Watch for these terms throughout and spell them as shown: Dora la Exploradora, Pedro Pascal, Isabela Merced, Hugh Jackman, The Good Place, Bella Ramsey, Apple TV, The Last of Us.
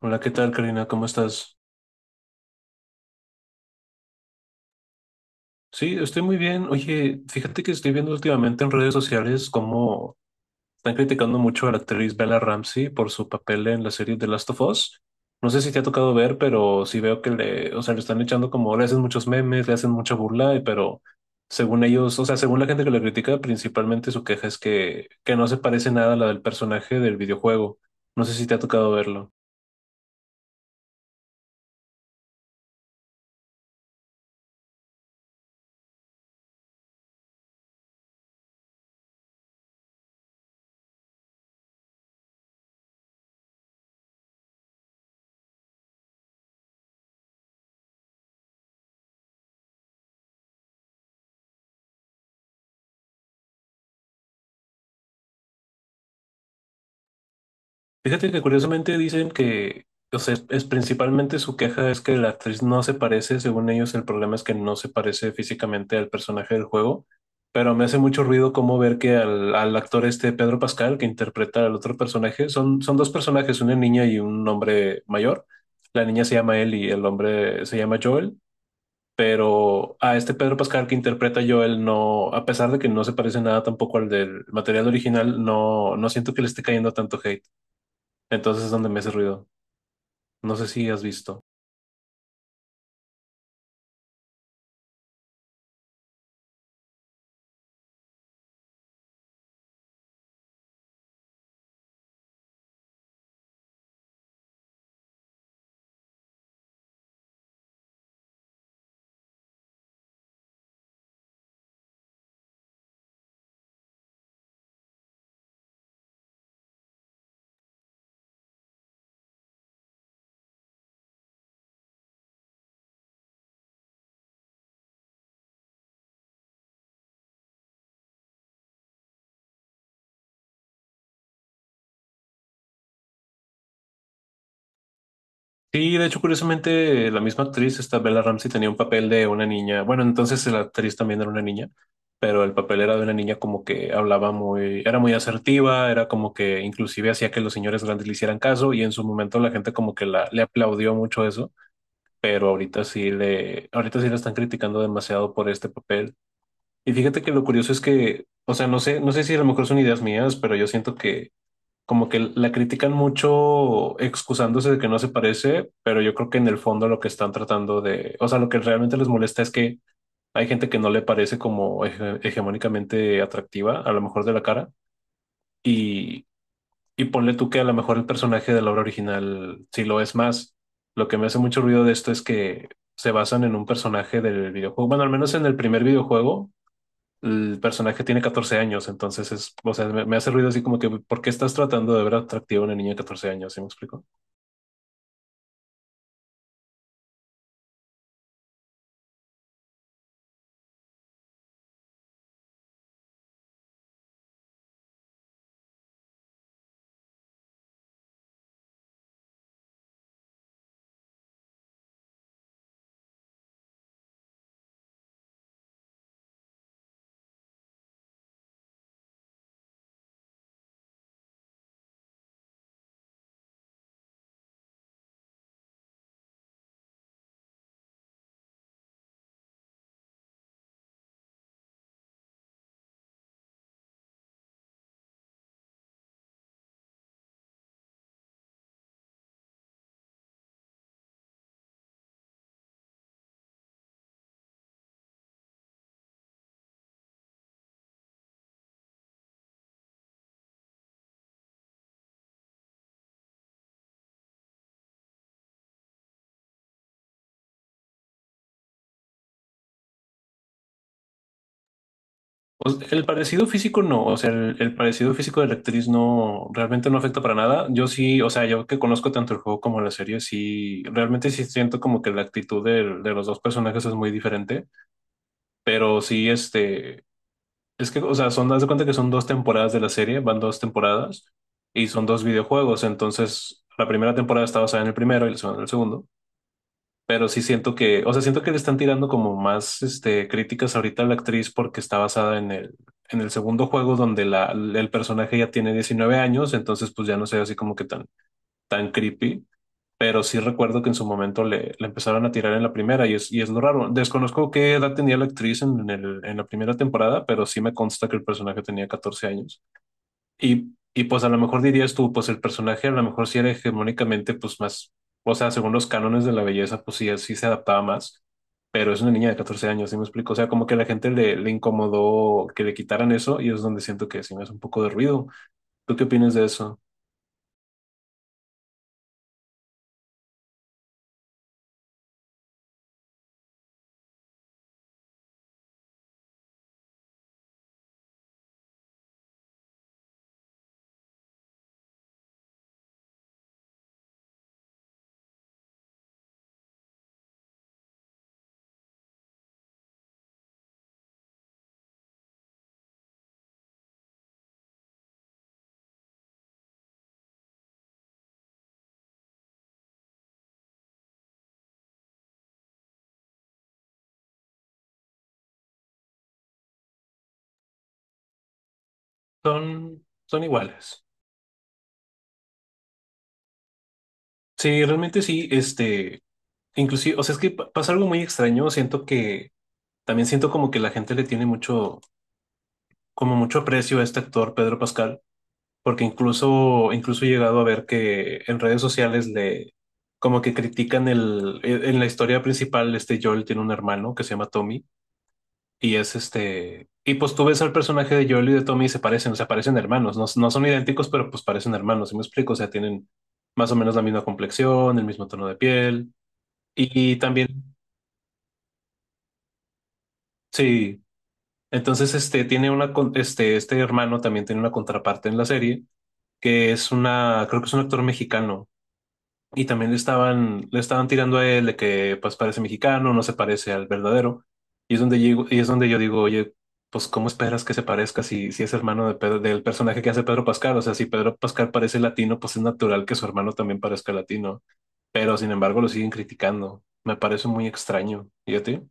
Hola, ¿qué tal, Karina? ¿Cómo estás? Sí, estoy muy bien. Oye, fíjate que estoy viendo últimamente en redes sociales cómo están criticando mucho a la actriz Bella Ramsey por su papel en la serie The Last of Us. No sé si te ha tocado ver, pero sí veo que le están echando como, le hacen muchos memes, le hacen mucha burla, pero según ellos, o sea, según la gente que la critica, principalmente su queja es que no se parece nada a la del personaje del videojuego. No sé si te ha tocado verlo. Fíjate que curiosamente dicen que, o sea, es principalmente su queja es que la actriz no se parece, según ellos el problema es que no se parece físicamente al personaje del juego, pero me hace mucho ruido cómo ver que al actor este Pedro Pascal, que interpreta al otro personaje, son dos personajes, una niña y un hombre mayor. La niña se llama Ellie y el hombre se llama Joel, pero a este Pedro Pascal que interpreta a Joel no, a pesar de que no se parece nada tampoco al del material original, no siento que le esté cayendo tanto hate. Entonces es donde me hace ruido. No sé si has visto. Sí, de hecho, curiosamente, la misma actriz, esta Bella Ramsey, tenía un papel de una niña. Bueno, entonces la actriz también era una niña, pero el papel era de una niña como que hablaba muy, era muy asertiva, era como que inclusive hacía que los señores grandes le hicieran caso y en su momento la gente como que le aplaudió mucho eso, pero ahorita sí la están criticando demasiado por este papel. Y fíjate que lo curioso es que, o sea, no sé si a lo mejor son ideas mías, pero yo siento que como que la critican mucho excusándose de que no se parece, pero yo creo que en el fondo lo que están tratando de, o sea, lo que realmente les molesta es que hay gente que no le parece como hegemónicamente atractiva, a lo mejor de la cara, y, y ponle tú que a lo mejor el personaje de la obra original sí lo es más. Lo que me hace mucho ruido de esto es que se basan en un personaje del videojuego, bueno, al menos en el primer videojuego el personaje tiene 14 años, entonces es, o sea, me hace ruido así como que, ¿por qué estás tratando de ver atractiva a una niña de 14 años? ¿Sí me explico? O sea, el parecido físico no, o sea, el parecido físico de la actriz no, realmente no afecta para nada. Yo sí, o sea, yo que conozco tanto el juego como la serie, sí, realmente sí siento como que la los dos personajes es muy diferente, pero sí, este, es que, o sea, son, haz de cuenta que son dos temporadas de la serie, van dos temporadas. Y son dos videojuegos, entonces la primera temporada está basada en el primero y la segunda en el segundo. Pero sí siento que, o sea, siento que le están tirando como más este, críticas ahorita a la actriz porque está basada en el segundo juego donde el personaje ya tiene 19 años, entonces pues ya no sé así como que tan, tan creepy. Pero sí recuerdo que en su momento le empezaron a tirar en la primera y es lo raro. Desconozco qué edad tenía la actriz en la primera temporada, pero sí me consta que el personaje tenía 14 años. Y pues a lo mejor dirías tú, pues el personaje a lo mejor sí era hegemónicamente pues más, o sea, según los cánones de la belleza, pues sí, sí se adaptaba más, pero es una niña de 14 años, ¿sí me explico? O sea, como que a la gente le incomodó que le quitaran eso y es donde siento que sí me hace un poco de ruido. ¿Tú qué opinas de eso? Son, son iguales. Sí, realmente sí, este, inclusive, o sea, es que pasa algo muy extraño, siento que, también siento como que la gente le tiene mucho, como mucho aprecio a este actor, Pedro Pascal porque incluso, incluso he llegado a ver que en redes sociales le, como que critican en la historia principal, este Joel tiene un hermano que se llama Tommy, y pues tú ves al personaje de Joel y de Tommy y se parecen, o sea, parecen hermanos, no son idénticos, pero pues parecen hermanos, ¿sí me explico? O sea, tienen más o menos la misma complexión, el mismo tono de piel, y también, sí, entonces este, este, este hermano también tiene una contraparte en la serie, creo que es un actor mexicano. Y también le estaban tirando a él de que pues parece mexicano, no se parece al verdadero. Y es donde llego, y es donde yo digo, oye, pues ¿cómo esperas que se parezca si, si es hermano de del personaje que hace Pedro Pascal? O sea, si Pedro Pascal parece latino, pues es natural que su hermano también parezca latino. Pero sin embargo lo siguen criticando. Me parece muy extraño. ¿Y a ti?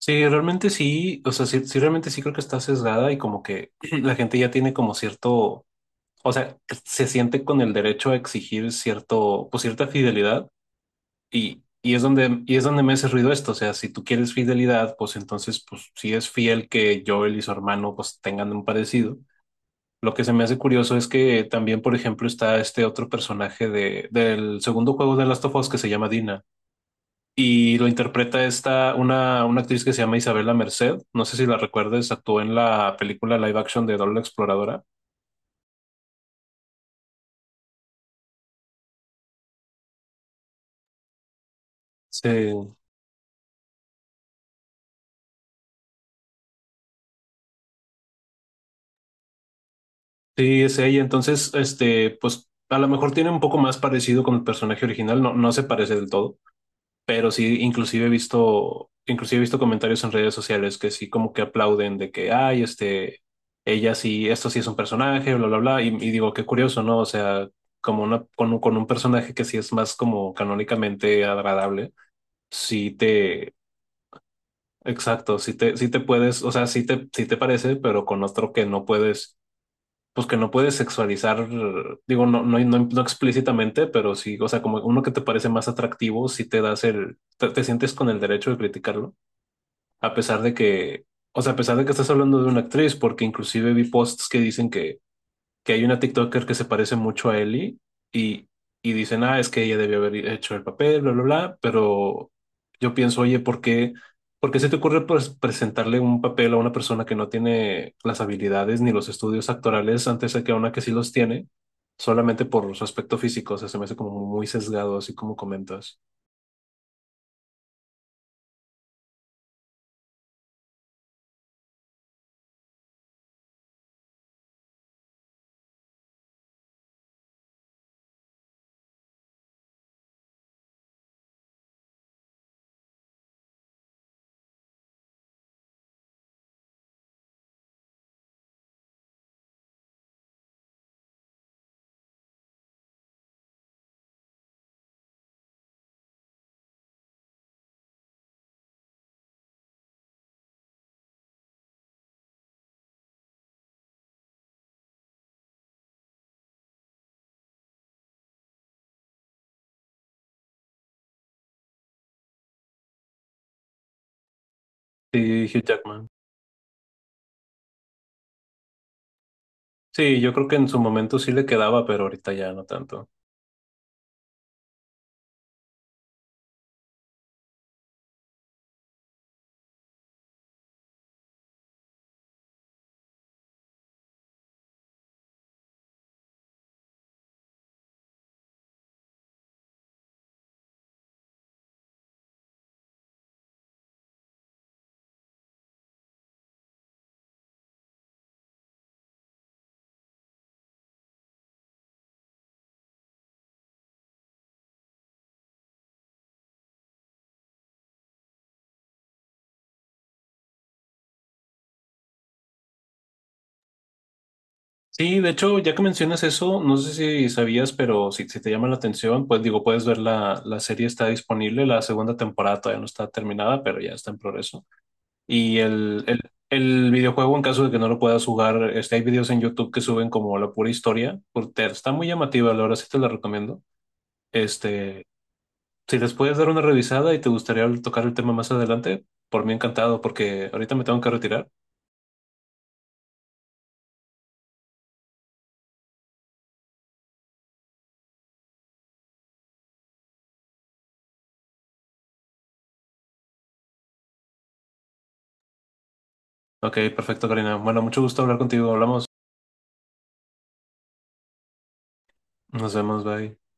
Sí, realmente sí, o sea, sí, sí, realmente sí creo que está sesgada y como que la gente ya tiene como cierto, o sea, que se siente con el derecho a exigir cierto, pues cierta fidelidad. Y es donde me hace ruido esto. O sea, si tú quieres fidelidad, pues entonces, pues sí es fiel que Joel y su hermano pues tengan un parecido. Lo que se me hace curioso es que también, por ejemplo, está este otro personaje del segundo juego de Last of Us que se llama Dina y lo interpreta una actriz que se llama Isabela Merced. No sé si la recuerdes, actuó en la película live action de Dora la Exploradora. Sí, sí, es ella. Entonces, este, pues a lo mejor tiene un poco más parecido con el personaje original, no se parece del todo pero sí, inclusive he visto comentarios en redes sociales que sí como que aplauden de que, ay, este, ella sí, esto sí es un personaje, bla, bla, bla, y digo, qué curioso, ¿no? O sea, como una, con un personaje que sí es más como canónicamente agradable, sí te, exacto, sí te, sí te parece, pero con otro que no puedes pues que no puedes sexualizar, digo, no, no, no, no explícitamente, pero sí, o sea, como uno que te parece más atractivo, si te das te sientes con el derecho de criticarlo, a pesar de que, o sea, a pesar de que estás hablando de una actriz, porque inclusive vi posts que dicen que hay una TikToker que se parece mucho a Ellie y, y dicen, ah, es que ella debió haber hecho el papel, bla, bla, bla, pero yo pienso, oye, por qué se te ocurre pues, presentarle un papel a una persona que no tiene las habilidades ni los estudios actorales antes de que a una que sí los tiene? Solamente por su aspecto físico, o sea, se me hace como muy sesgado, así como comentas. Sí, Hugh Jackman. Sí, yo creo que en su momento sí le quedaba, pero ahorita ya no tanto. Sí, de hecho, ya que mencionas eso, no sé si sabías, pero si, si te llama la atención, pues digo, puedes ver la serie está disponible, la segunda temporada todavía no está terminada, pero ya está en progreso. Y el videojuego, en caso de que no lo puedas jugar, este, hay videos en YouTube que suben como la pura historia, porque está muy llamativa, la verdad sí te la recomiendo. Este, si les puedes dar una revisada y te gustaría tocar el tema más adelante, por mí encantado, porque ahorita me tengo que retirar. Ok, perfecto, Karina. Bueno, mucho gusto hablar contigo, hablamos. Nos vemos, bye.